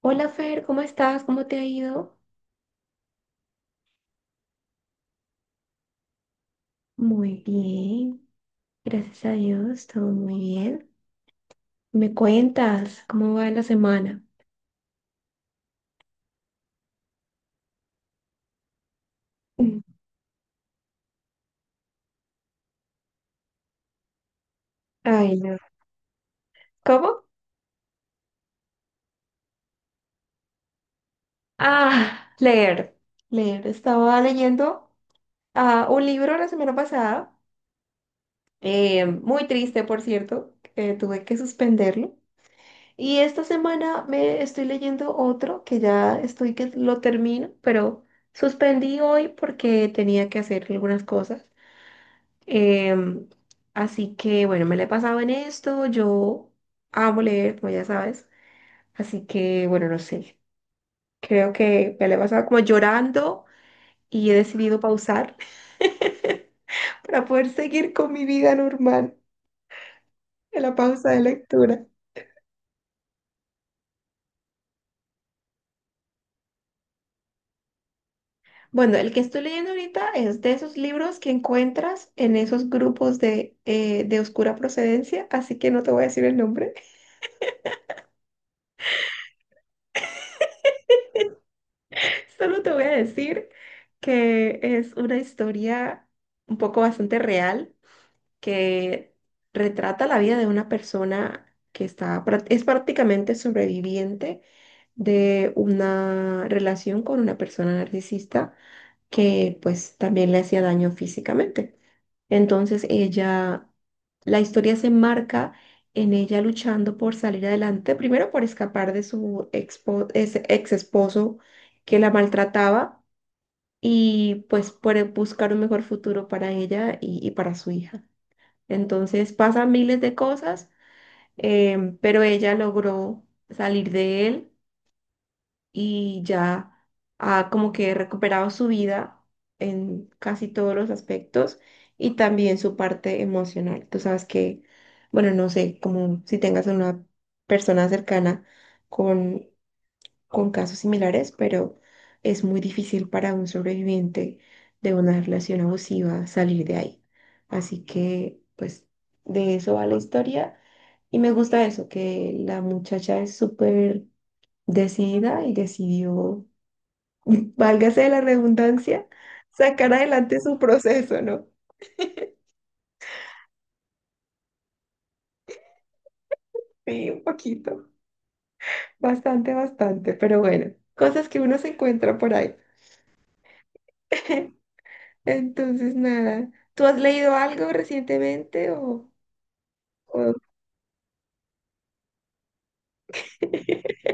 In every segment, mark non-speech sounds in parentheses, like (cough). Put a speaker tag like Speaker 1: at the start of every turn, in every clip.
Speaker 1: Hola Fer, ¿cómo estás? ¿Cómo te ha ido? Muy bien, gracias a Dios, todo muy bien. ¿Me cuentas cómo va la semana? Mm. Ay, no. ¿Cómo? Ah, leer, leer. Estaba leyendo un libro la semana pasada, muy triste, por cierto, que tuve que suspenderlo. Y esta semana me estoy leyendo otro que ya estoy que lo termino, pero suspendí hoy porque tenía que hacer algunas cosas. Em, Así que bueno, me la he pasado en esto. Yo amo leer, como ya sabes. Así que bueno, no sé. Creo que me la he pasado como llorando y he decidido pausar (laughs) para poder seguir con mi vida normal en la pausa de lectura. Bueno, el que estoy leyendo ahorita es de esos libros que encuentras en esos grupos de oscura procedencia, así que no te voy a decir el nombre. Solo te voy a decir que es una historia un poco bastante real que retrata la vida de una persona que está, es prácticamente sobreviviente de una relación con una persona narcisista que pues también le hacía daño físicamente. Entonces ella, la historia se marca en ella luchando por salir adelante, primero por escapar de su ex esposo que la maltrataba y pues por buscar un mejor futuro para ella y para su hija. Entonces pasan miles de cosas, pero ella logró salir de él y ya ha como que recuperado su vida en casi todos los aspectos y también su parte emocional. Tú sabes que, bueno, no sé, como si tengas una persona cercana con casos similares, pero es muy difícil para un sobreviviente de una relación abusiva salir de ahí. Así que, pues, de eso va la historia. Y me gusta eso, que la muchacha es súper decidida y decidió, (laughs) válgase de la redundancia, sacar adelante su proceso, ¿no? Sí, un poquito, bastante, bastante, pero bueno, cosas que uno se encuentra por ahí. (laughs) Entonces, nada. ¿Tú has leído algo recientemente o...? o- (laughs)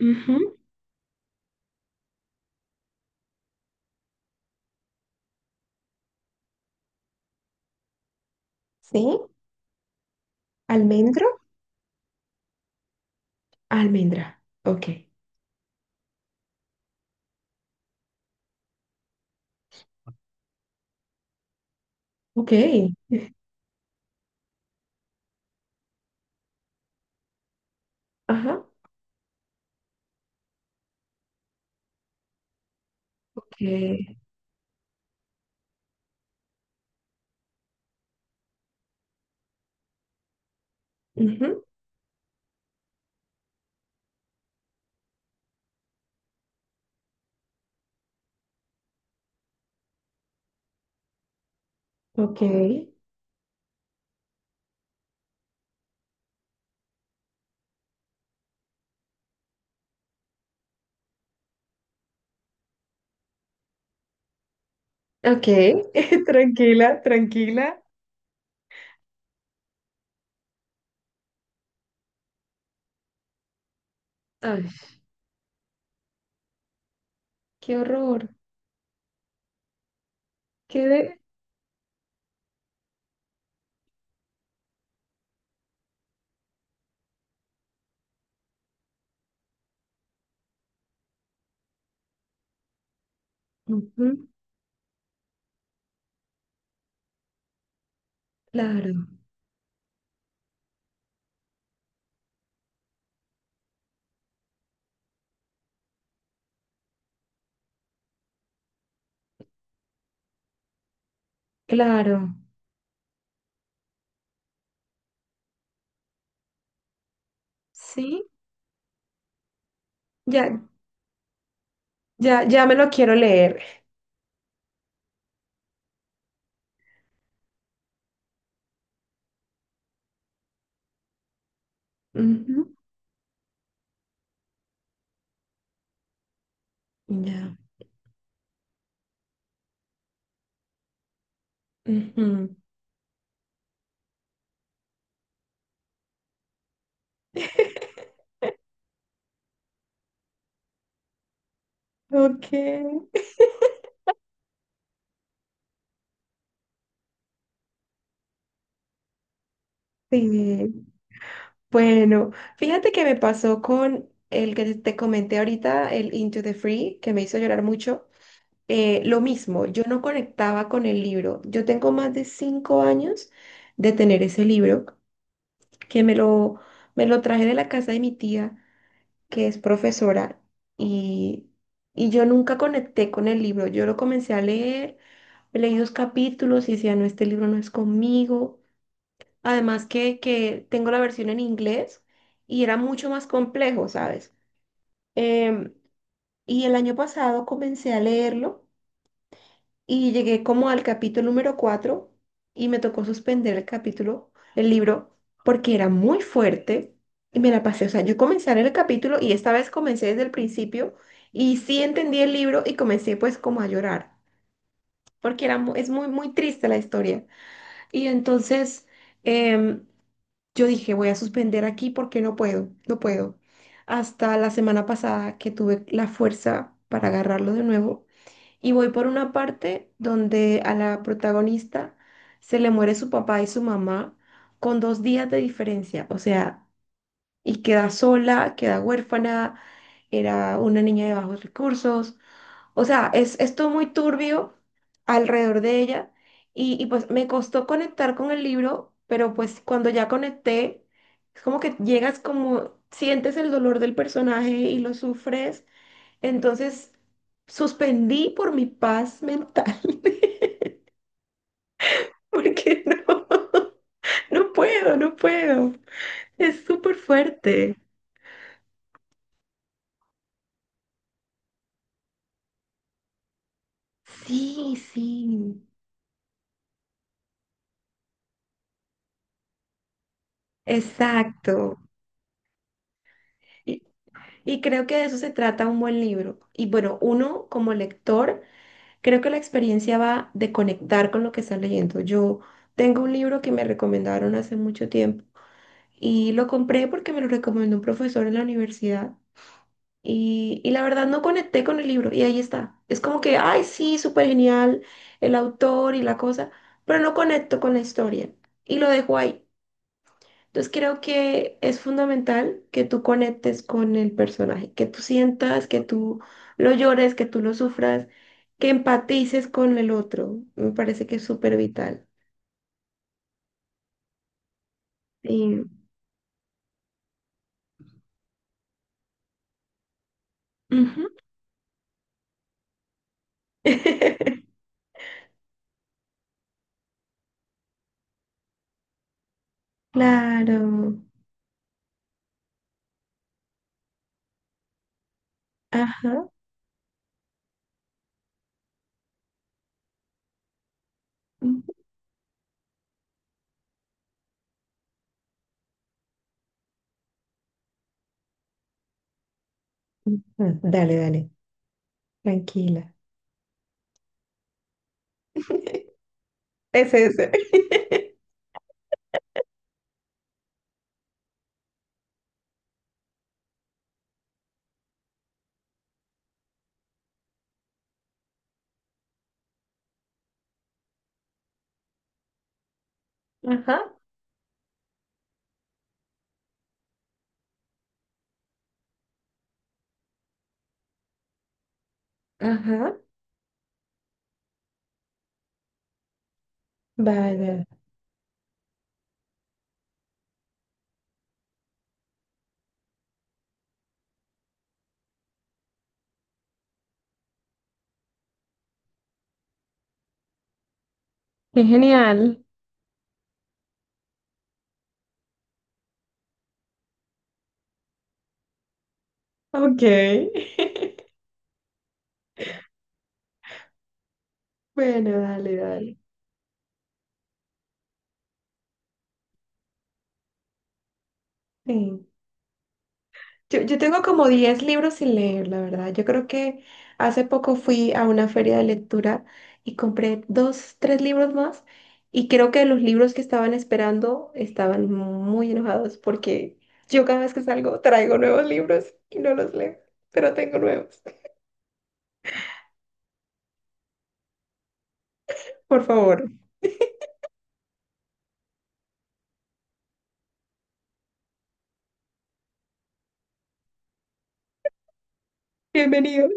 Speaker 1: Ujú. Sí, almendro, almendra. Ok, ok, ajá, ok, ujú, ok, ok, (laughs) tranquila, tranquila. Ay, qué horror, qué de... ujú, claro, claro, sí, ya, ya, ya me lo quiero leer. Ujú, ya, ujú. (laughs) Ok, sí. Bueno, fíjate que me pasó con el que te comenté ahorita, el Into the Free, que me hizo llorar mucho. Lo mismo, yo no conectaba con el libro. Yo tengo más de 5 años de tener ese libro, que me lo, me lo traje de la casa de mi tía, que es profesora, y, y yo nunca conecté con el libro. Yo lo comencé a leer, leí 2 capítulos y decía, no, este libro no es conmigo. Además que tengo la versión en inglés y era mucho más complejo, ¿sabes? Em, y el año pasado comencé a leerlo y llegué como al capítulo número 4 y me tocó suspender el capítulo, el libro, porque era muy fuerte y me la pasé. O sea, yo comencé a leer el capítulo y esta vez comencé desde el principio y sí entendí el libro y comencé pues como a llorar, porque es muy, muy triste la historia. Y entonces... em, yo dije, voy a suspender aquí porque no puedo, no puedo. Hasta la semana pasada que tuve la fuerza para agarrarlo de nuevo. Y voy por una parte donde a la protagonista se le muere su papá y su mamá con 2 días de diferencia. O sea, y queda sola, queda huérfana, era una niña de bajos recursos. O sea, es todo muy turbio alrededor de ella y pues me costó conectar con el libro, pero pues cuando ya conecté, es como que llegas como, sientes el dolor del personaje y lo sufres, entonces suspendí por mi paz mental, (laughs) porque no, (laughs) no puedo, no puedo, es súper fuerte. Sí, sí, exacto. Y creo que de eso se trata un buen libro. Y bueno, uno como lector, creo que la experiencia va de conectar con lo que está leyendo. Yo tengo un libro que me recomendaron hace mucho tiempo y lo compré porque me lo recomendó un profesor en la universidad y la verdad no conecté con el libro y ahí está. Es como que, ay, sí, súper genial el autor y la cosa, pero no conecto con la historia y lo dejo ahí. Entonces creo que es fundamental que tú conectes con el personaje, que tú sientas, que tú lo llores, que tú lo sufras, que empatices con el otro. Me parece que es súper vital. Y... ujú. (laughs) Claro. Ajá. Ujú. Ah, dale, dale. Tranquila. Ese, ese. Ajá. Ajá. Vaya. Qué genial. Ok. (laughs) Bueno, dale, dale. Sí. Yo tengo como 10 libros sin leer, la verdad. Yo creo que hace poco fui a una feria de lectura y compré 2, 3 libros más y creo que los libros que estaban esperando estaban muy enojados porque yo cada vez que salgo traigo nuevos libros y no los leo, pero tengo nuevos. Por favor, bienvenidos.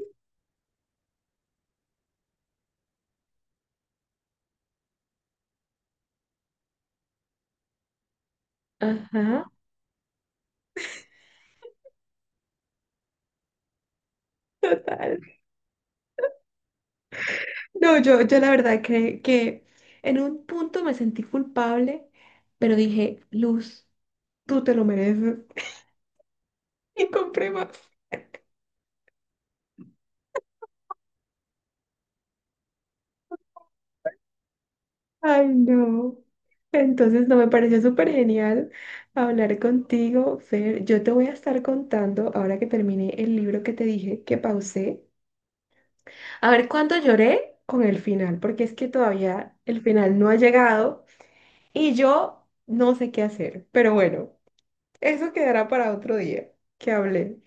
Speaker 1: Ajá, total. No, yo la verdad que en un punto me sentí culpable, pero dije, Luz, tú te lo mereces. (laughs) Y compré más. Ay, no. Entonces, no me pareció súper genial hablar contigo, Fer. Yo te voy a estar contando, ahora que terminé el libro que te dije que pausé, a ver cuánto lloré con el final, porque es que todavía el final no ha llegado y yo no sé qué hacer. Pero bueno, eso quedará para otro día que hablé.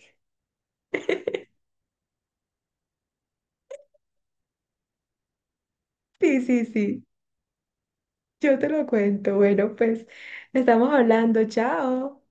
Speaker 1: Sí, sí, sí. Yo te lo cuento. Bueno, pues estamos hablando. Chao.